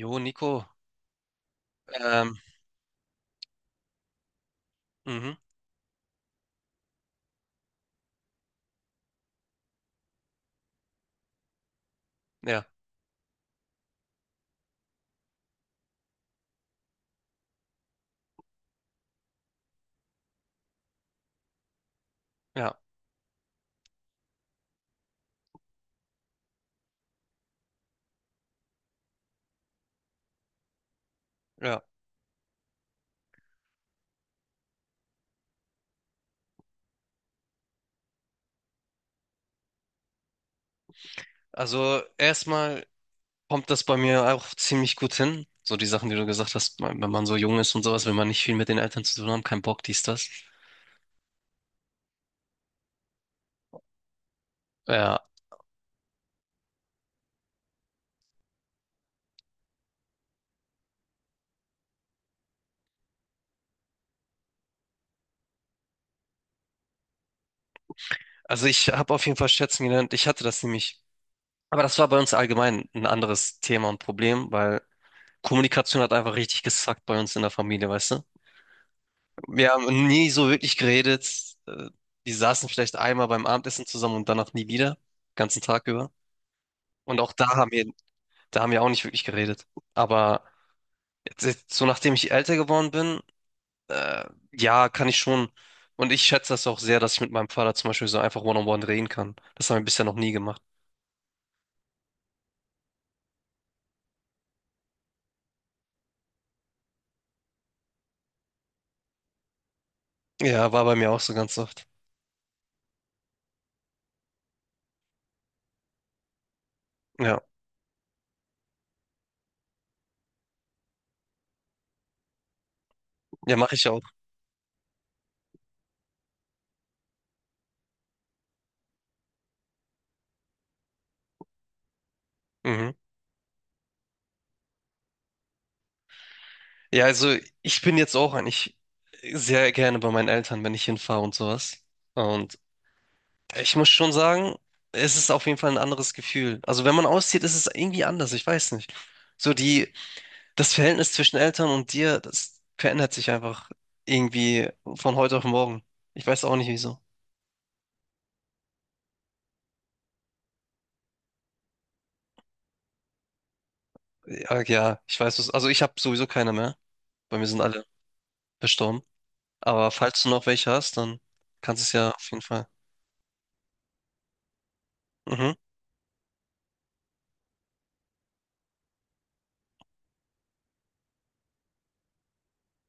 Jo, Nico, ähm, mhm, ja, ja, ja. Also erstmal kommt das bei mir auch ziemlich gut hin. So die Sachen, die du gesagt hast, wenn man so jung ist und sowas, wenn man nicht viel mit den Eltern zu tun haben, kein Bock, dies, das. Ja, also ich habe auf jeden Fall schätzen gelernt. Ich hatte das nämlich, aber das war bei uns allgemein ein anderes Thema und Problem, weil Kommunikation hat einfach richtig gesackt bei uns in der Familie, weißt du? Wir haben nie so wirklich geredet. Die saßen vielleicht einmal beim Abendessen zusammen und danach nie wieder, ganzen Tag über. Und auch da haben wir auch nicht wirklich geredet. Aber jetzt, so nachdem ich älter geworden bin, äh, ja, kann ich schon. Und ich schätze das auch sehr, dass ich mit meinem Vater zum Beispiel so einfach One-on-One reden kann. Das haben wir bisher noch nie gemacht. Ja, war bei mir auch so ganz oft. Ja, ja, mache ich auch. Mhm. Ja, also ich bin jetzt auch eigentlich sehr gerne bei meinen Eltern, wenn ich hinfahre und sowas. Und ich muss schon sagen, es ist auf jeden Fall ein anderes Gefühl. Also wenn man auszieht, ist es irgendwie anders. Ich weiß nicht. So die das Verhältnis zwischen Eltern und dir, das verändert sich einfach irgendwie von heute auf morgen. Ich weiß auch nicht wieso. Ja, ja, ich weiß es. Also ich habe sowieso keine mehr. Bei mir sind alle verstorben. Aber falls du noch welche hast, dann kannst du es ja auf jeden Fall. Mhm.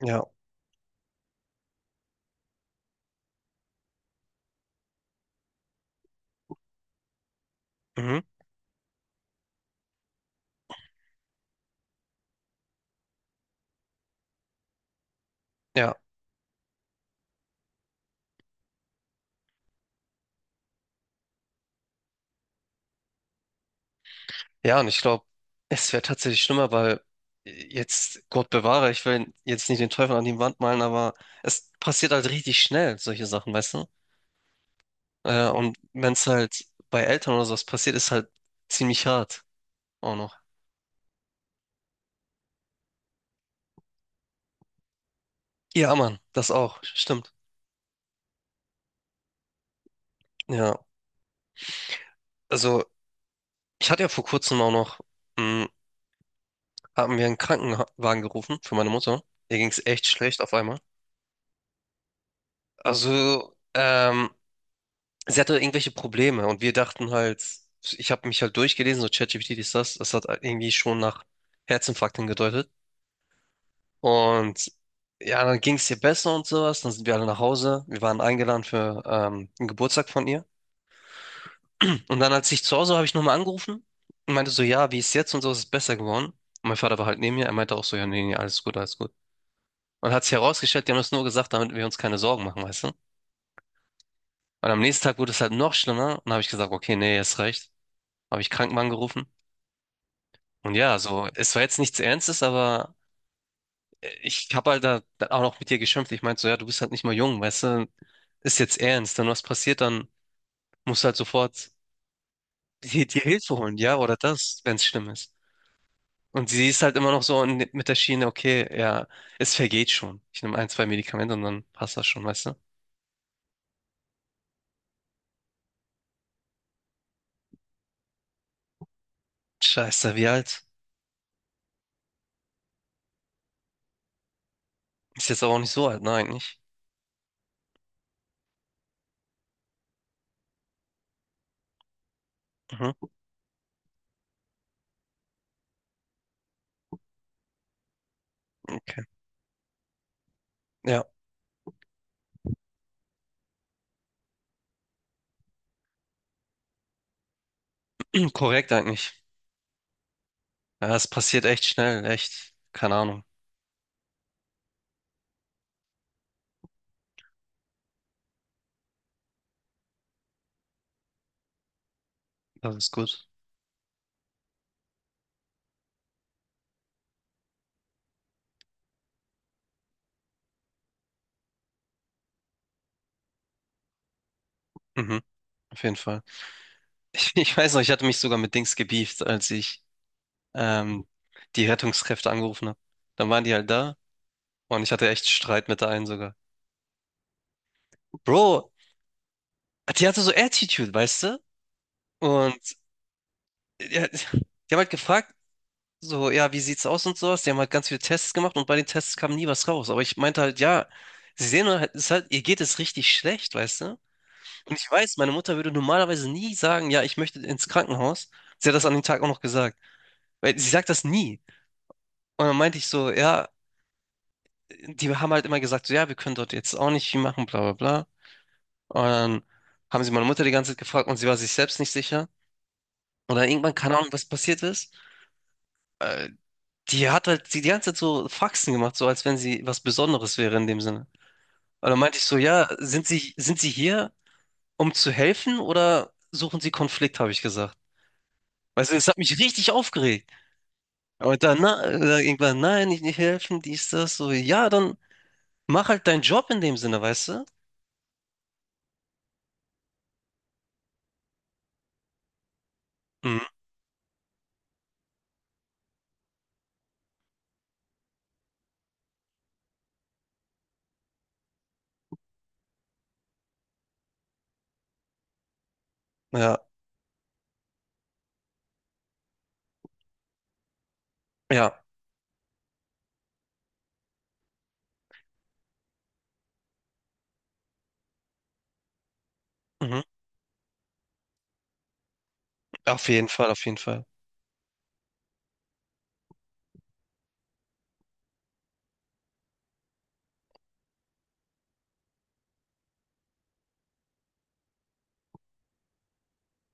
Ja. Mhm. Ja. Ja, und ich glaube, es wäre tatsächlich schlimmer, weil jetzt, Gott bewahre, ich will jetzt nicht den Teufel an die Wand malen, aber es passiert halt richtig schnell, solche Sachen, weißt du? Und wenn es halt bei Eltern oder sowas passiert, ist halt ziemlich hart. Auch noch. Ja, Mann, das auch. Stimmt. Ja. Also, ich hatte ja vor kurzem auch noch, mh, haben wir einen Krankenwagen gerufen für meine Mutter. Ihr ging es echt schlecht auf einmal. Also, sie hatte irgendwelche Probleme und wir dachten halt, ich habe mich halt durchgelesen, so ChatGPT ist das, das hat irgendwie schon nach Herzinfarkt hingedeutet. Und ja, dann ging es ihr besser und sowas. Dann sind wir alle nach Hause. Wir waren eingeladen für einen Geburtstag von ihr. Und dann, als ich zu Hause war, habe ich nochmal angerufen und meinte so, ja, wie ist jetzt und so, ist es besser geworden. Und mein Vater war halt neben mir, er meinte auch so, ja, nee, nee, alles gut, alles gut. Und hat sich herausgestellt, die haben das nur gesagt, damit wir uns keine Sorgen machen, weißt du? Und am nächsten Tag wurde es halt noch schlimmer und habe ich gesagt, okay, nee, ist recht. Habe ich Krankenwagen gerufen. Und ja, so, es war jetzt nichts Ernstes, aber ich habe halt da auch noch mit dir geschimpft. Ich meinte so, ja, du bist halt nicht mal jung, weißt du? Ist jetzt ernst. Wenn was passiert, dann musst du halt sofort dir Hilfe holen, ja, oder das, wenn es schlimm ist. Und sie ist halt immer noch so in- mit der Schiene, okay, ja, es vergeht schon. Ich nehme ein, zwei Medikamente und dann passt das schon, weißt du? Scheiße, wie alt? Ist jetzt aber auch nicht so alt, ne, eigentlich. Mhm, okay. Ja, korrekt eigentlich. Ja, es passiert echt schnell, echt. Keine Ahnung. Das ist gut. Mhm, auf jeden Fall. Ich weiß noch, ich hatte mich sogar mit Dings gebieft, als ich ähm, die Rettungskräfte angerufen habe. Dann waren die halt da und ich hatte echt Streit mit der einen sogar. Bro, die hatte so Attitude, weißt du? Und ja, die haben halt gefragt, so, ja, wie sieht's aus und sowas. Die haben halt ganz viele Tests gemacht und bei den Tests kam nie was raus. Aber ich meinte halt, ja, sie sehen halt, es ist halt, ihr geht es richtig schlecht, weißt du? Und ich weiß, meine Mutter würde normalerweise nie sagen, ja, ich möchte ins Krankenhaus. Sie hat das an dem Tag auch noch gesagt. Weil sie sagt das nie. Und dann meinte ich so, ja, die haben halt immer gesagt, so, ja, wir können dort jetzt auch nicht viel machen, bla, bla, bla. Und dann haben sie meine Mutter die ganze Zeit gefragt und sie war sich selbst nicht sicher. Und dann irgendwann, keine Ahnung, was passiert ist. Äh, Die hat halt die ganze Zeit so Faxen gemacht, so als wenn sie was Besonderes wäre in dem Sinne. Und dann meinte ich so, ja, sind Sie hier, um zu helfen oder suchen Sie Konflikt, habe ich gesagt. Weißt du, es hat mich richtig aufgeregt. Und dann, irgendwann, nein, ich nicht helfen, dies, das, so, ja, dann mach halt deinen Job in dem Sinne, weißt du? Mhm. Ja, ja, mhm. Auf jeden Fall, auf jeden Fall.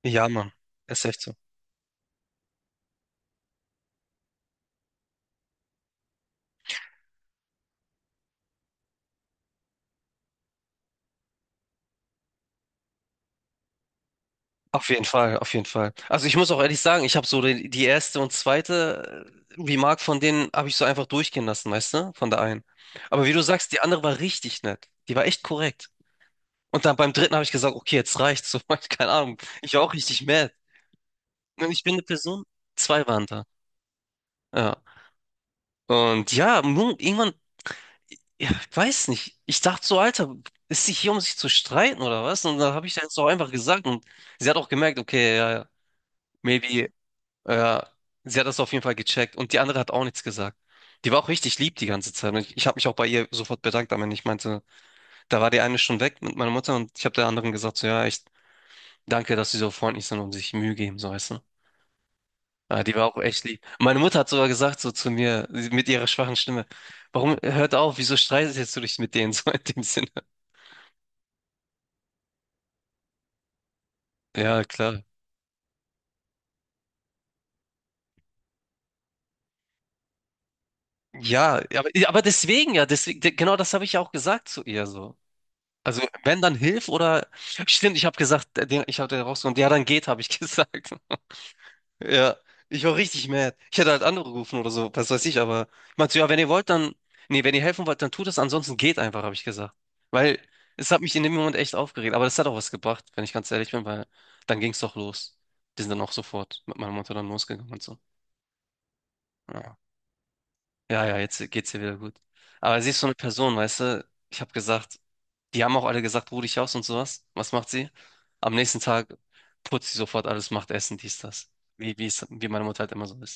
Ja, Mann, ist echt so. Auf jeden Fall, auf jeden Fall. Also ich muss auch ehrlich sagen, ich habe so die erste und zweite Remark von denen habe ich so einfach durchgehen lassen, weißt du, von der einen. Aber wie du sagst, die andere war richtig nett. Die war echt korrekt. Und dann beim dritten habe ich gesagt, okay, jetzt reicht's. So, keine Ahnung, ich war auch richtig mad. Und ich bin eine Person, zwei waren da. Ja. Und ja, nun, irgendwann, ja, ich weiß nicht. Ich dachte so, Alter, ist sie hier, um sich zu streiten oder was? Und dann habe ich das auch einfach gesagt und sie hat auch gemerkt, okay, ja, ja. Maybe ja, sie hat das auf jeden Fall gecheckt und die andere hat auch nichts gesagt. Die war auch richtig lieb die ganze Zeit und ich habe mich auch bei ihr sofort bedankt, aber ich meinte, da war die eine schon weg mit meiner Mutter und ich habe der anderen gesagt, so ja, echt danke, dass sie so freundlich sind und sich Mühe geben, so weißt du. Ja, die war auch echt lieb. Meine Mutter hat sogar gesagt so zu mir sie- mit ihrer schwachen Stimme, warum hört auf, wieso streitest du dich mit denen so in dem Sinne? Ja, klar. Ja, aber deswegen ja, deswegen, genau das habe ich ja auch gesagt zu ihr so. Also wenn, dann Hilf oder... Stimmt, ich habe gesagt, der- den, ich habe den rausgenommen. Ja, dann geht, habe ich gesagt. Ja, ich war richtig mad. Ich hätte halt angerufen oder so, was weiß ich, aber ich meinte so, ja, wenn ihr wollt, dann, nee, wenn ihr helfen wollt, dann tut es, ansonsten geht einfach, habe ich gesagt. Weil es hat mich in dem Moment echt aufgeregt, aber das hat auch was gebracht, wenn ich ganz ehrlich bin, weil dann ging es doch los. Die sind dann auch sofort mit meiner Mutter dann losgegangen und so. Ja, ja, ja, jetzt geht's ihr wieder gut. Aber sie ist so eine Person, weißt du, ich habe gesagt, die haben auch alle gesagt, ruh dich aus und sowas. Was macht sie? Am nächsten Tag putzt sie sofort alles, macht Essen, dies, das. Wie meine Mutter halt immer so ist.